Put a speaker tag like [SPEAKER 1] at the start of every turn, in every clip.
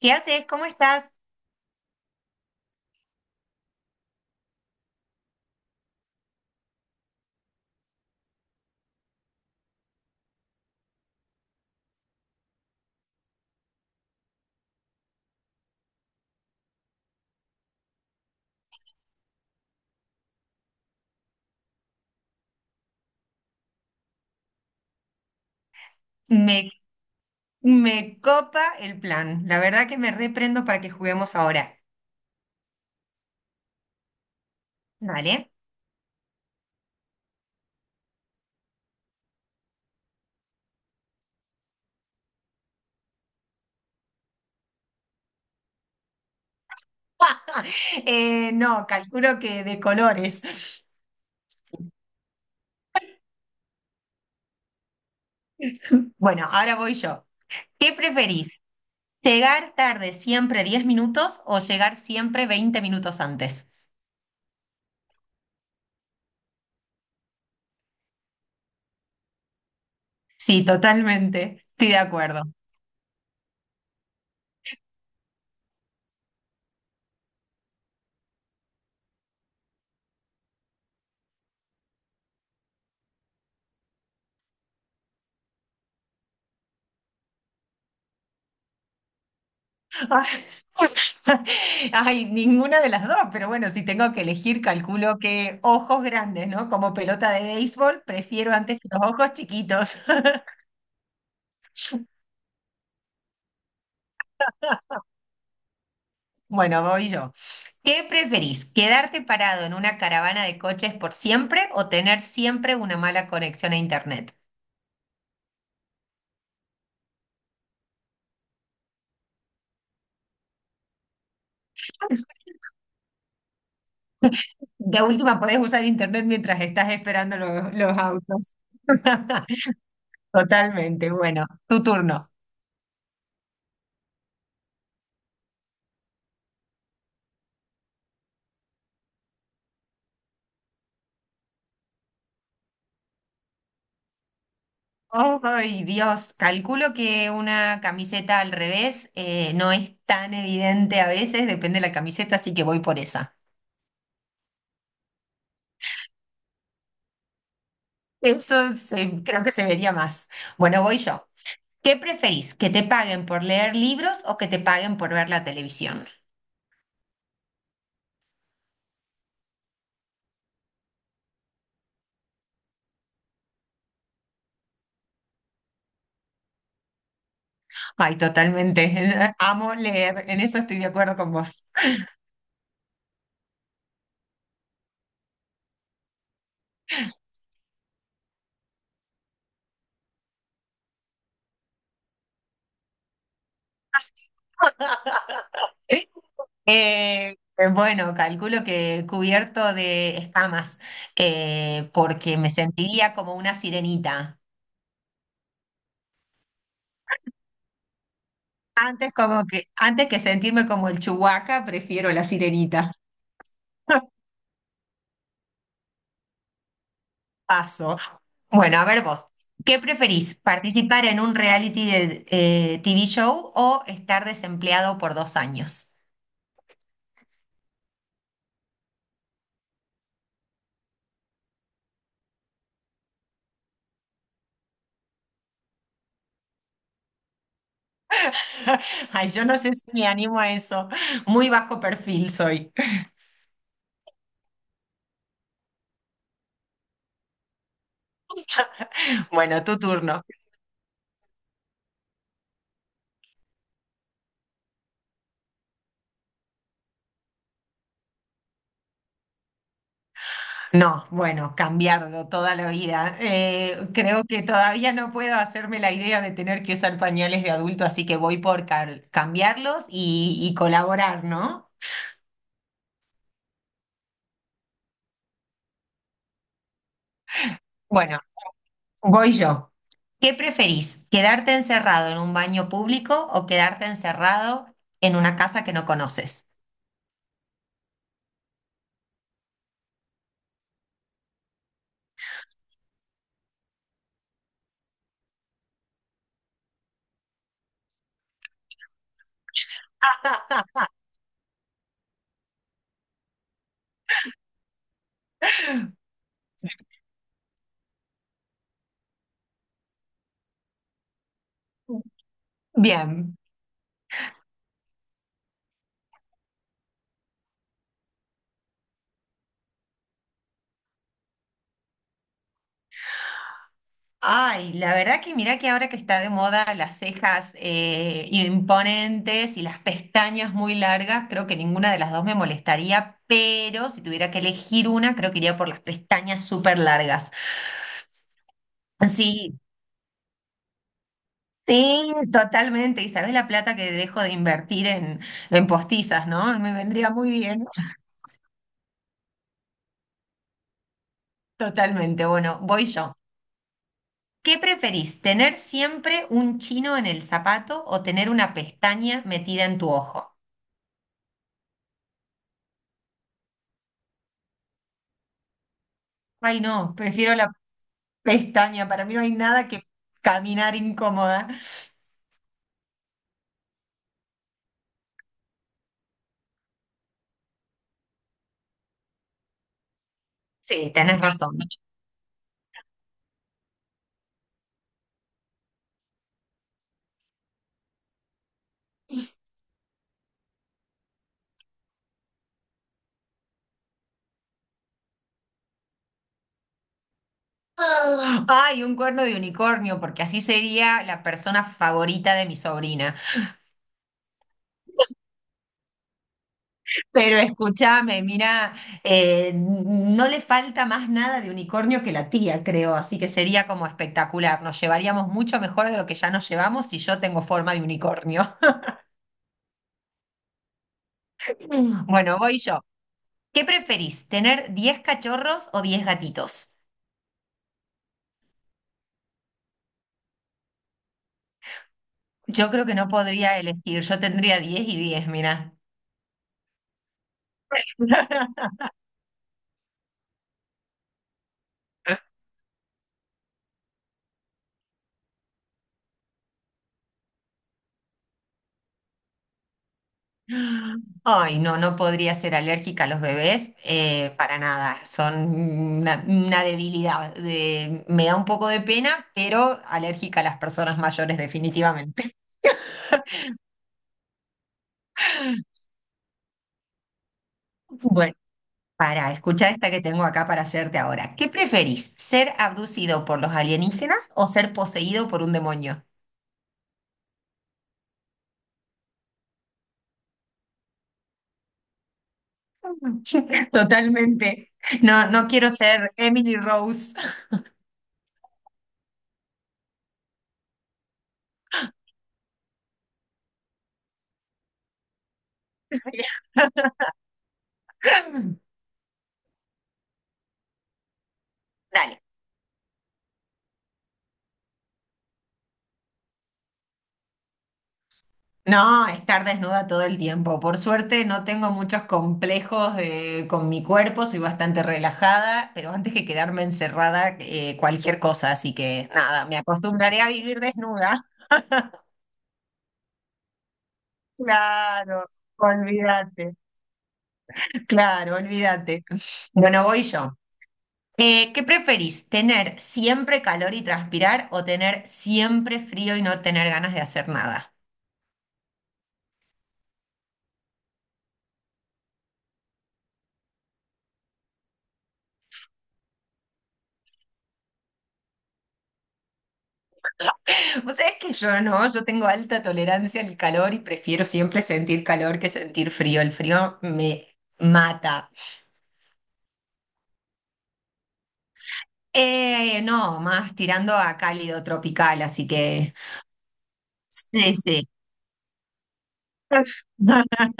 [SPEAKER 1] ¿Qué haces? ¿Cómo estás? Me, me copa el plan. La verdad que me reprendo para que juguemos ahora. Vale. No, calculo que de colores. Bueno, ahora voy yo. ¿Qué preferís? ¿Llegar tarde siempre 10 minutos o llegar siempre 20 minutos antes? Sí, totalmente. Estoy de acuerdo. Ay, ninguna de las dos, pero bueno, si tengo que elegir, calculo que ojos grandes, ¿no? Como pelota de béisbol, prefiero antes que los ojos chiquitos. Bueno, voy yo. ¿Qué preferís? ¿Quedarte parado en una caravana de coches por siempre o tener siempre una mala conexión a internet? De última, podés usar internet mientras estás esperando los autos. Totalmente, bueno, tu turno. Oh, ay, Dios, calculo que una camiseta al revés, no es tan evidente a veces, depende de la camiseta, así que voy por esa. Creo que se vería más. Bueno, voy yo. ¿Qué preferís? ¿Que te paguen por leer libros o que te paguen por ver la televisión? Ay, totalmente. Amo leer, en eso estoy de acuerdo con vos. Eh, bueno, calculo que cubierto de escamas, porque me sentiría como una sirenita. Antes como que, antes que sentirme como el Chewbacca, prefiero la sirenita. Paso. Bueno, a ver vos, ¿qué preferís? ¿Participar en un reality de, TV show o estar desempleado por 2 años? Ay, yo no sé si me animo a eso. Muy bajo perfil soy. Bueno, tu turno. No, bueno, cambiarlo toda la vida. Creo que todavía no puedo hacerme la idea de tener que usar pañales de adulto, así que voy por cambiarlos y colaborar, ¿no? Bueno, voy yo. ¿Qué preferís? ¿Quedarte encerrado en un baño público o quedarte encerrado en una casa que no conoces? Bien. Ay, la verdad que mirá que ahora que está de moda las cejas, imponentes y las pestañas muy largas, creo que ninguna de las dos me molestaría, pero si tuviera que elegir una, creo que iría por las pestañas súper largas. Sí, sí, totalmente. Y sabés la plata que dejo de invertir en postizas, ¿no? Me vendría muy bien. Totalmente. Bueno, voy yo. ¿Qué preferís, tener siempre un chino en el zapato o tener una pestaña metida en tu ojo? Ay, no, prefiero la pestaña, para mí no hay nada que caminar incómoda. Sí, tenés razón. Ay, un cuerno de unicornio, porque así sería la persona favorita de mi sobrina. Pero escúchame, mira, no le falta más nada de unicornio que la tía, creo, así que sería como espectacular. Nos llevaríamos mucho mejor de lo que ya nos llevamos si yo tengo forma de unicornio. Bueno, voy yo. ¿Qué preferís, tener 10 cachorros o 10 gatitos? Yo creo que no podría elegir, yo tendría 10 y 10. Mira. Ay, no, no podría ser alérgica a los bebés, para nada, son una debilidad. Me da un poco de pena, pero alérgica a las personas mayores definitivamente. Bueno, para, escuchar esta que tengo acá para hacerte ahora. ¿Qué preferís, ser abducido por los alienígenas o ser poseído por un demonio? Totalmente. No, no quiero ser Emily Rose. Sí. Dale. No, estar desnuda todo el tiempo. Por suerte no tengo muchos complejos, con mi cuerpo, soy bastante relajada, pero antes que quedarme encerrada, cualquier cosa, así que nada, me acostumbraré a vivir desnuda. Claro, olvídate, claro, olvídate. Bueno, voy yo. ¿Qué preferís? ¿Tener siempre calor y transpirar o tener siempre frío y no tener ganas de hacer nada? Vos sabés que yo no, yo tengo alta tolerancia al calor y prefiero siempre sentir calor que sentir frío. El frío me mata. No, más tirando a cálido tropical, así que sí, sí.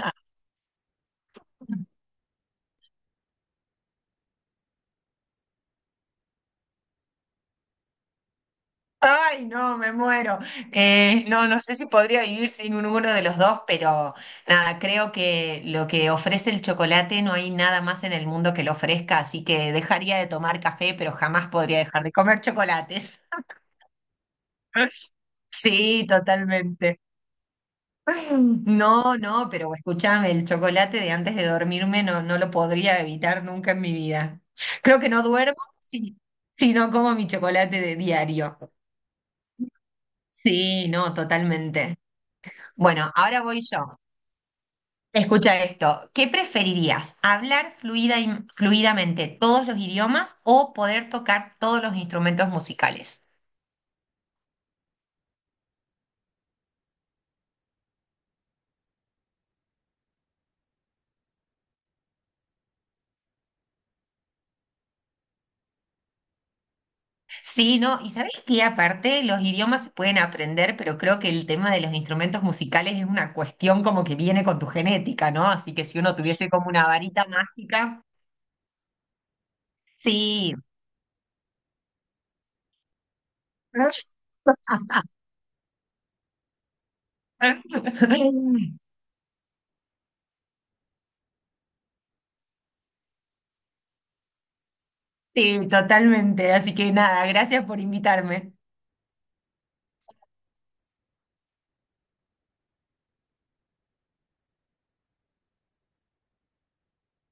[SPEAKER 1] Ay, no, me muero. No, no sé si podría vivir sin uno de los dos, pero nada, creo que lo que ofrece el chocolate no hay nada más en el mundo que lo ofrezca, así que dejaría de tomar café, pero jamás podría dejar de comer chocolates. Sí, totalmente. No, no, pero escúchame, el chocolate de antes de dormirme no, no lo podría evitar nunca en mi vida. Creo que no duermo si, no como mi chocolate de diario. Sí, no, totalmente. Bueno, ahora voy yo. Escucha esto. ¿Qué preferirías? ¿Hablar fluidamente todos los idiomas o poder tocar todos los instrumentos musicales? Sí, no, y sabés que aparte los idiomas se pueden aprender, pero creo que el tema de los instrumentos musicales es una cuestión como que viene con tu genética, ¿no? Así que si uno tuviese como una varita mágica, sí. Sí, totalmente. Así que nada, gracias por invitarme.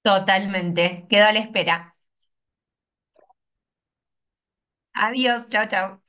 [SPEAKER 1] Totalmente. Quedo a la espera. Adiós, chao, chao.